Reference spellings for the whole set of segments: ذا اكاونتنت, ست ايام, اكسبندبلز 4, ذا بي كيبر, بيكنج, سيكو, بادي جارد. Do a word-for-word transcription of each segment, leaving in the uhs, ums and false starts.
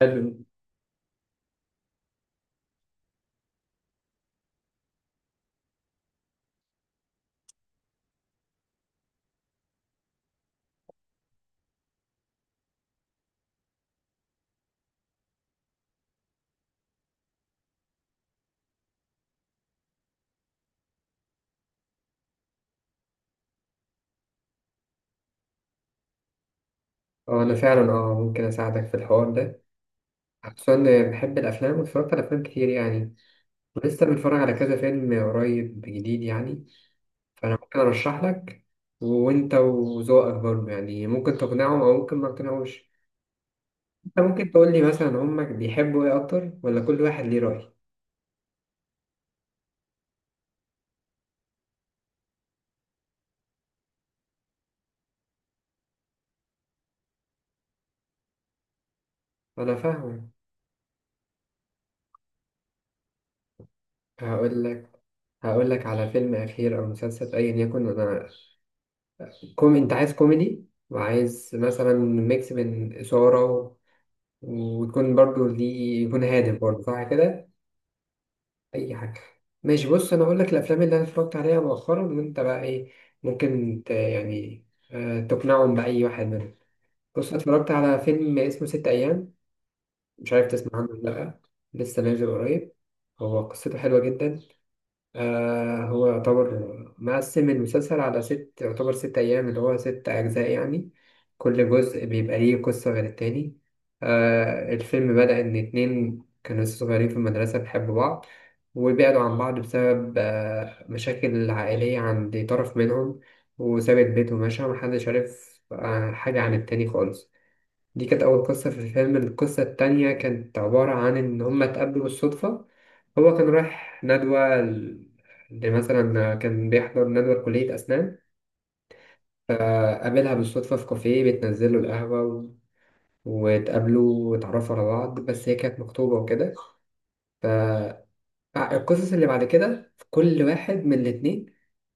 حلو. اه انا فعلا، اه ممكن اساعدك في الحوار ده، خصوصا إني بحب الافلام واتفرجت على افلام كتير يعني، ولسه بنتفرج على كذا فيلم قريب جديد يعني. فانا ممكن ارشح لك، وانت وذوقك برضه يعني ممكن تقنعهم او ممكن ما تقنعوش. انت ممكن تقول لي مثلا هما بيحبوا ايه اكتر، ولا كل واحد ليه رأي؟ انا فاهم. هقول لك، هقول لك على فيلم اخير او مسلسل ايا يكن. انا كوم انت عايز كوميدي، وعايز مثلا ميكس بين اثاره، ويكون برضو ليه، يكون هادف برضو، صح كده؟ اي حاجه. ماشي، بص انا اقول لك الافلام اللي انا اتفرجت عليها مؤخرا وانت بقى ايه، ممكن ت... يعني، آه، تقنعهم باي واحد منهم. بص أنا اتفرجت على فيلم اسمه ست ايام، مش عارف تسمع عنه ولا لا. لسه نازل قريب. هو قصته حلوه جدا. آه هو يعتبر مقسم المسلسل على ست، يعتبر ست أيام اللي هو ست أجزاء يعني. كل جزء بيبقى ليه قصة غير التاني. آه الفيلم بدأ إن اتنين كانوا لسه صغيرين في المدرسة بيحبوا بعض، وبعدوا عن بعض بسبب آه مشاكل عائلية عند طرف منهم، وسابت بيته ومشى، محدش عارف آه حاجة عن التاني خالص. دي كانت أول قصة في الفيلم. القصة التانية كانت عبارة عن إن هما اتقابلوا بالصدفة. هو كان رايح ندوة، ل- لمثلا كان بيحضر ندوة كلية أسنان، فقابلها بالصدفة في كافيه بتنزل له القهوة، و- واتقابلوا واتعرفوا على بعض، بس هي كانت مخطوبة وكده. فالقصص اللي بعد كده كل واحد من الاتنين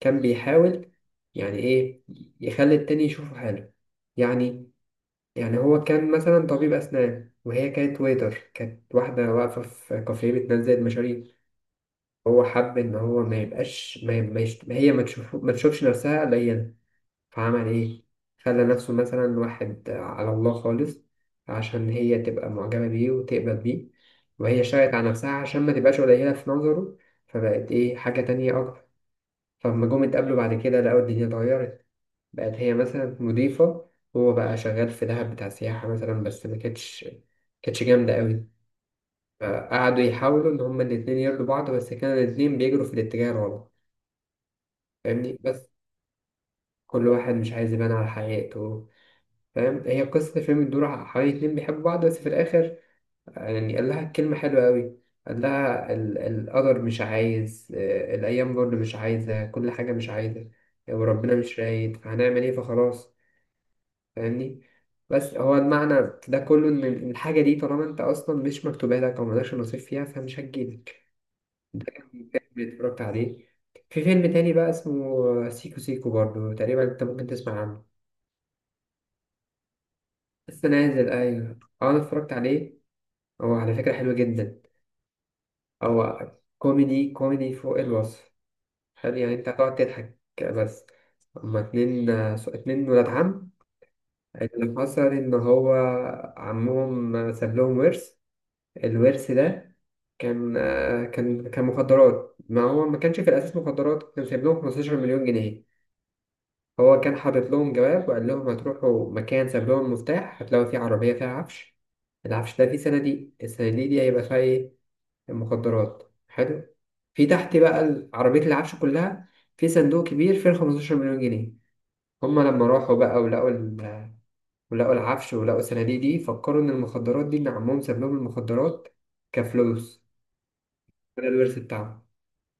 كان بيحاول، يعني إيه، يخلي التاني يشوفه حاله يعني. يعني هو كان مثلا طبيب أسنان، وهي كانت ويتر، كانت واحدة واقفة في كافيه بتنزل المشاريب. هو حب إن هو ما يبقاش، ما ما يش... هي ما تشوف، ما تشوفش نفسها قليلا. فعمل إيه؟ خلى نفسه مثلا واحد على الله خالص، عشان هي تبقى معجبة بيه وتقبل بيه. وهي شايت على نفسها عشان ما تبقاش قليلة في نظره، فبقت إيه، حاجة تانية أكتر. فلما جم اتقابلوا بعد كده لقوا الدنيا اتغيرت. بقت هي مثلا مضيفة، هو بقى شغال في دهب بتاع سياحة مثلا، بس ما كانتش كانتش جامدة قوي. فقعدوا يحاولوا إن هما الاتنين يرضوا بعض، بس كانوا الاتنين بيجروا في الاتجاه الغلط. فاهمني، بس كل واحد مش عايز يبان على حقيقته. فاهم، هي قصة الفيلم بتدور ع- حوالي اتنين بيحبوا بعض، بس في الآخر يعني قال لها كلمة حلوة قوي. قال لها ال- القدر مش عايز، آه، الأيام برضه مش عايزة، كل حاجة مش عايزة، وربنا مش رايد، فهنعمل إيه؟ فخلاص. فاهمني؟ بس هو المعنى ده كله، ان الحاجه دي طالما انت اصلا مش مكتوبه لك، او مالكش نصيب فيها، فمش هتجيلك. فيلم اتفرجت عليه. في فيلم تاني بقى اسمه سيكو سيكو برضه، تقريبا انت ممكن تسمع عنه. لسه نازل، ايوه، اه انا اتفرجت عليه. هو على فكره حلو جدا. هو كوميدي، كوميدي فوق الوصف. حلو يعني، انت هتقعد تضحك بس. هما اتنين، اتنين ولاد عم. اللي حصل ان هو عمهم ساب لهم ورث. الورث ده كان، آه، كان كان مخدرات. ما هو ما كانش في الأساس مخدرات، كان سايب لهم خمسة عشر مليون جنيه مليون جنيه. هو كان حاطط لهم جواب وقال لهم هتروحوا مكان، ساب لهم المفتاح، هتلاقوا فيه عربية فيها عفش. العفش ده فيه صناديق، الصناديق دي هيبقى فيها إيه؟ المخدرات. حلو. في تحت بقى ال- عربية العفش كلها، في صندوق كبير فيه خمستاشر مليون جنيه مليون جنيه. هما لما راحوا بقى ولقوا ال... ولقوا العفش، ولقوا الصناديق دي، فكروا إن المخدرات دي، إن عمهم ساب لهم المخدرات كفلوس، ده الورث بتاعهم.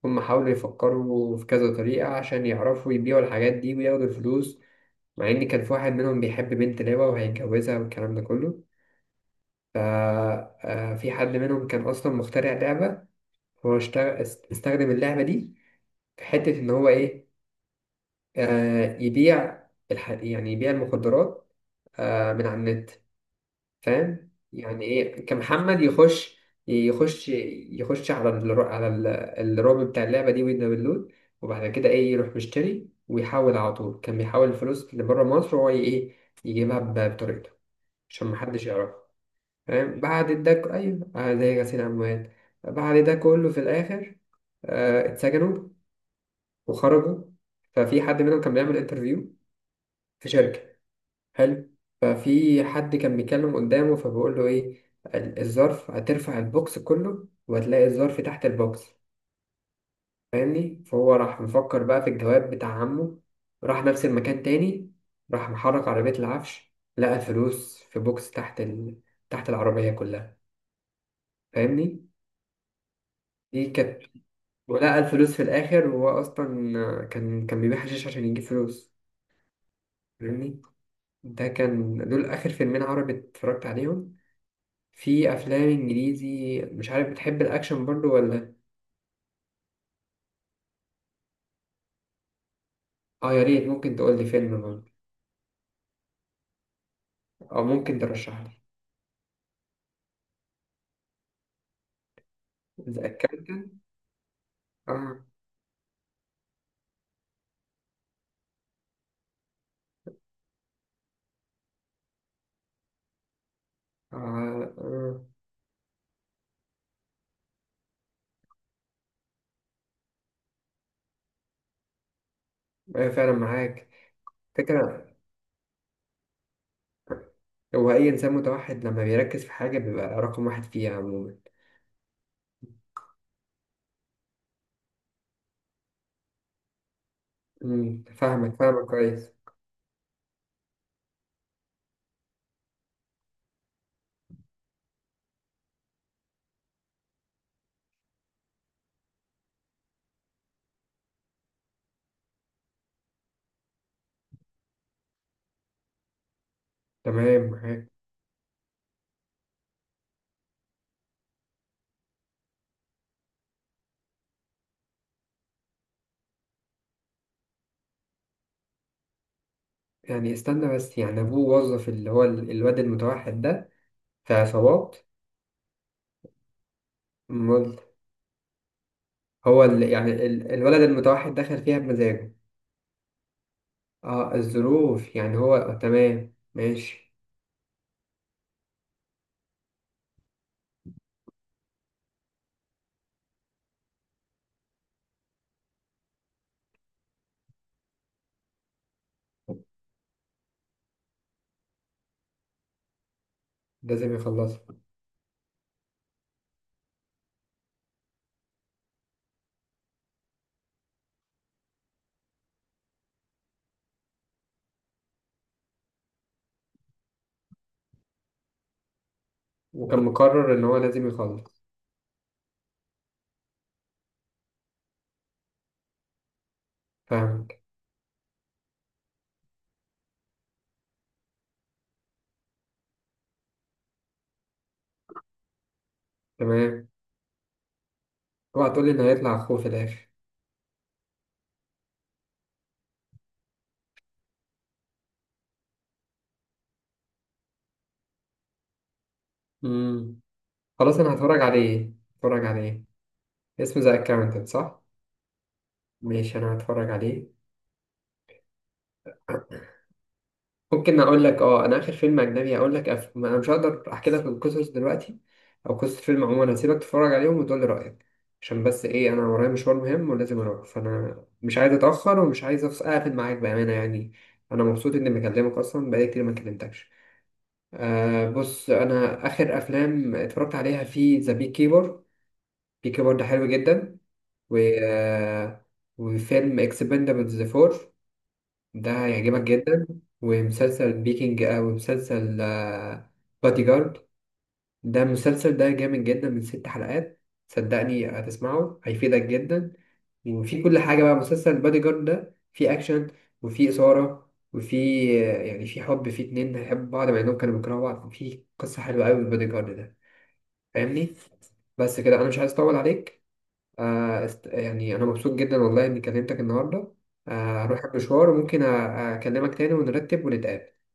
هم حاولوا يفكروا في كذا طريقة عشان يعرفوا يبيعوا الحاجات دي وياخدوا الفلوس. مع إن كان في واحد منهم بيحب بنت لعبة وهيتجوزها والكلام ده كله. آه في حد منهم كان أصلا مخترع لعبة. هو اشتغل، استخدم اللعبة دي في حتة إن هو إيه، آه يبيع الح... يعني يبيع المخدرات آه من على النت. فاهم يعني ايه كمحمد يخش، يخش يخش على الر- على ال- الرعب بتاع اللعبه دي، ويدنا باللود. وبعد كده ايه، يروح مشتري ويحول على طول، كان بيحول الفلوس اللي بره مصر، هو ايه يجيبها ب- بطريقته عشان محدش يعرفه. فاهم، بعد ده ك- ايوه، آه، زي غسيل اموال. بعد ده كله في الاخر، آه، اتسجنوا وخرجوا. ففي حد منهم كان بيعمل انترفيو في شركه. حلو. ففي حد كان بيتكلم قدامه فبيقول له ايه، ال- الظرف هترفع البوكس كله وهتلاقي الظرف تحت البوكس. فاهمني، فهو راح مفكر بقى في الجواب بتاع عمه. راح نفس المكان تاني، راح محرك عربية العفش، لقى الفلوس في بوكس تحت ال... تحت العربية كلها. فاهمني؟ دي كانت، ولقى الفلوس في الآخر، وهو أصلا كان كان بيبيع حشيش عشان يجيب فلوس. فاهمني. ده كان دول آخر فيلمين عربي اتفرجت عليهم. في افلام انجليزي، مش عارف بتحب الاكشن برضو ولا. اه يا ريت، ممكن تقول لي فيلم برضو او ممكن ترشح لي. ذا اكاونتنت. اه اه اه. ايوه فعلا معاك فكرة. هو اي انسان متوحد لما بيركز في حاجة بيبقى رقم واحد فيها عموما. امم، فاهمك، فاهمك كويس. تمام معاك. يعني استنى بس، يعني ابوه وظف اللي هو ال- الواد المتوحد ده في عصابات؟ أمال، هو اللي يعني ال- الولد المتوحد دخل فيها بمزاجه؟ اه الظروف، يعني هو تمام، ماشي. لازم يخلصها. وكان مقرر ان هو لازم يخلص. فاهمك، تمام. اوعى تقولي ان هيطلع اخوه في الاخر. امم، خلاص انا هتفرج عليه، هتفرج عليه. اسمه ذا اكاونتنت صح؟ ماشي، انا هتفرج عليه. ممكن اقول لك، اه انا اخر فيلم اجنبي هقول لك، أف... ما انا مش هقدر احكي لك القصص دلوقتي او قصة فيلم عموما. هسيبك تتفرج عليهم وتقول لي رأيك، عشان بس ايه، انا ورايا مشوار مهم ولازم اروح. فانا مش عايز اتأخر، ومش عايز أفص- اقفل معاك بأمانة يعني. انا مبسوط اني بكلمك اصلا، بقالي كتير ما كلمتكش. آه بص انا اخر افلام اتفرجت عليها في ذا بي كيبر. بي كيبر ده حلو جدا. و آه وفيلم اكسبندبلز فور، ده هيعجبك جدا. ومسلسل بيكنج، آه ومسلسل بادي جارد. ده المسلسل ده جامد جدا، من ست حلقات. صدقني هتسمعه هيفيدك جدا. وفي كل حاجة بقى، مسلسل بادي جارد ده في أكشن، وفي إثارة، وفي آه، يعني في حب، في اتنين هيحبوا بعض مع إنهم كانوا بيكرهوا بعض، في قصة حلوة أوي في بادي جارد ده. فاهمني؟ بس كده أنا مش عايز أطول عليك. آه، است- يعني أنا مبسوط جدا والله إني كلمتك النهاردة. آه، أروح المشوار، وممكن أ- أكلمك تاني ونرتب ونتقابل.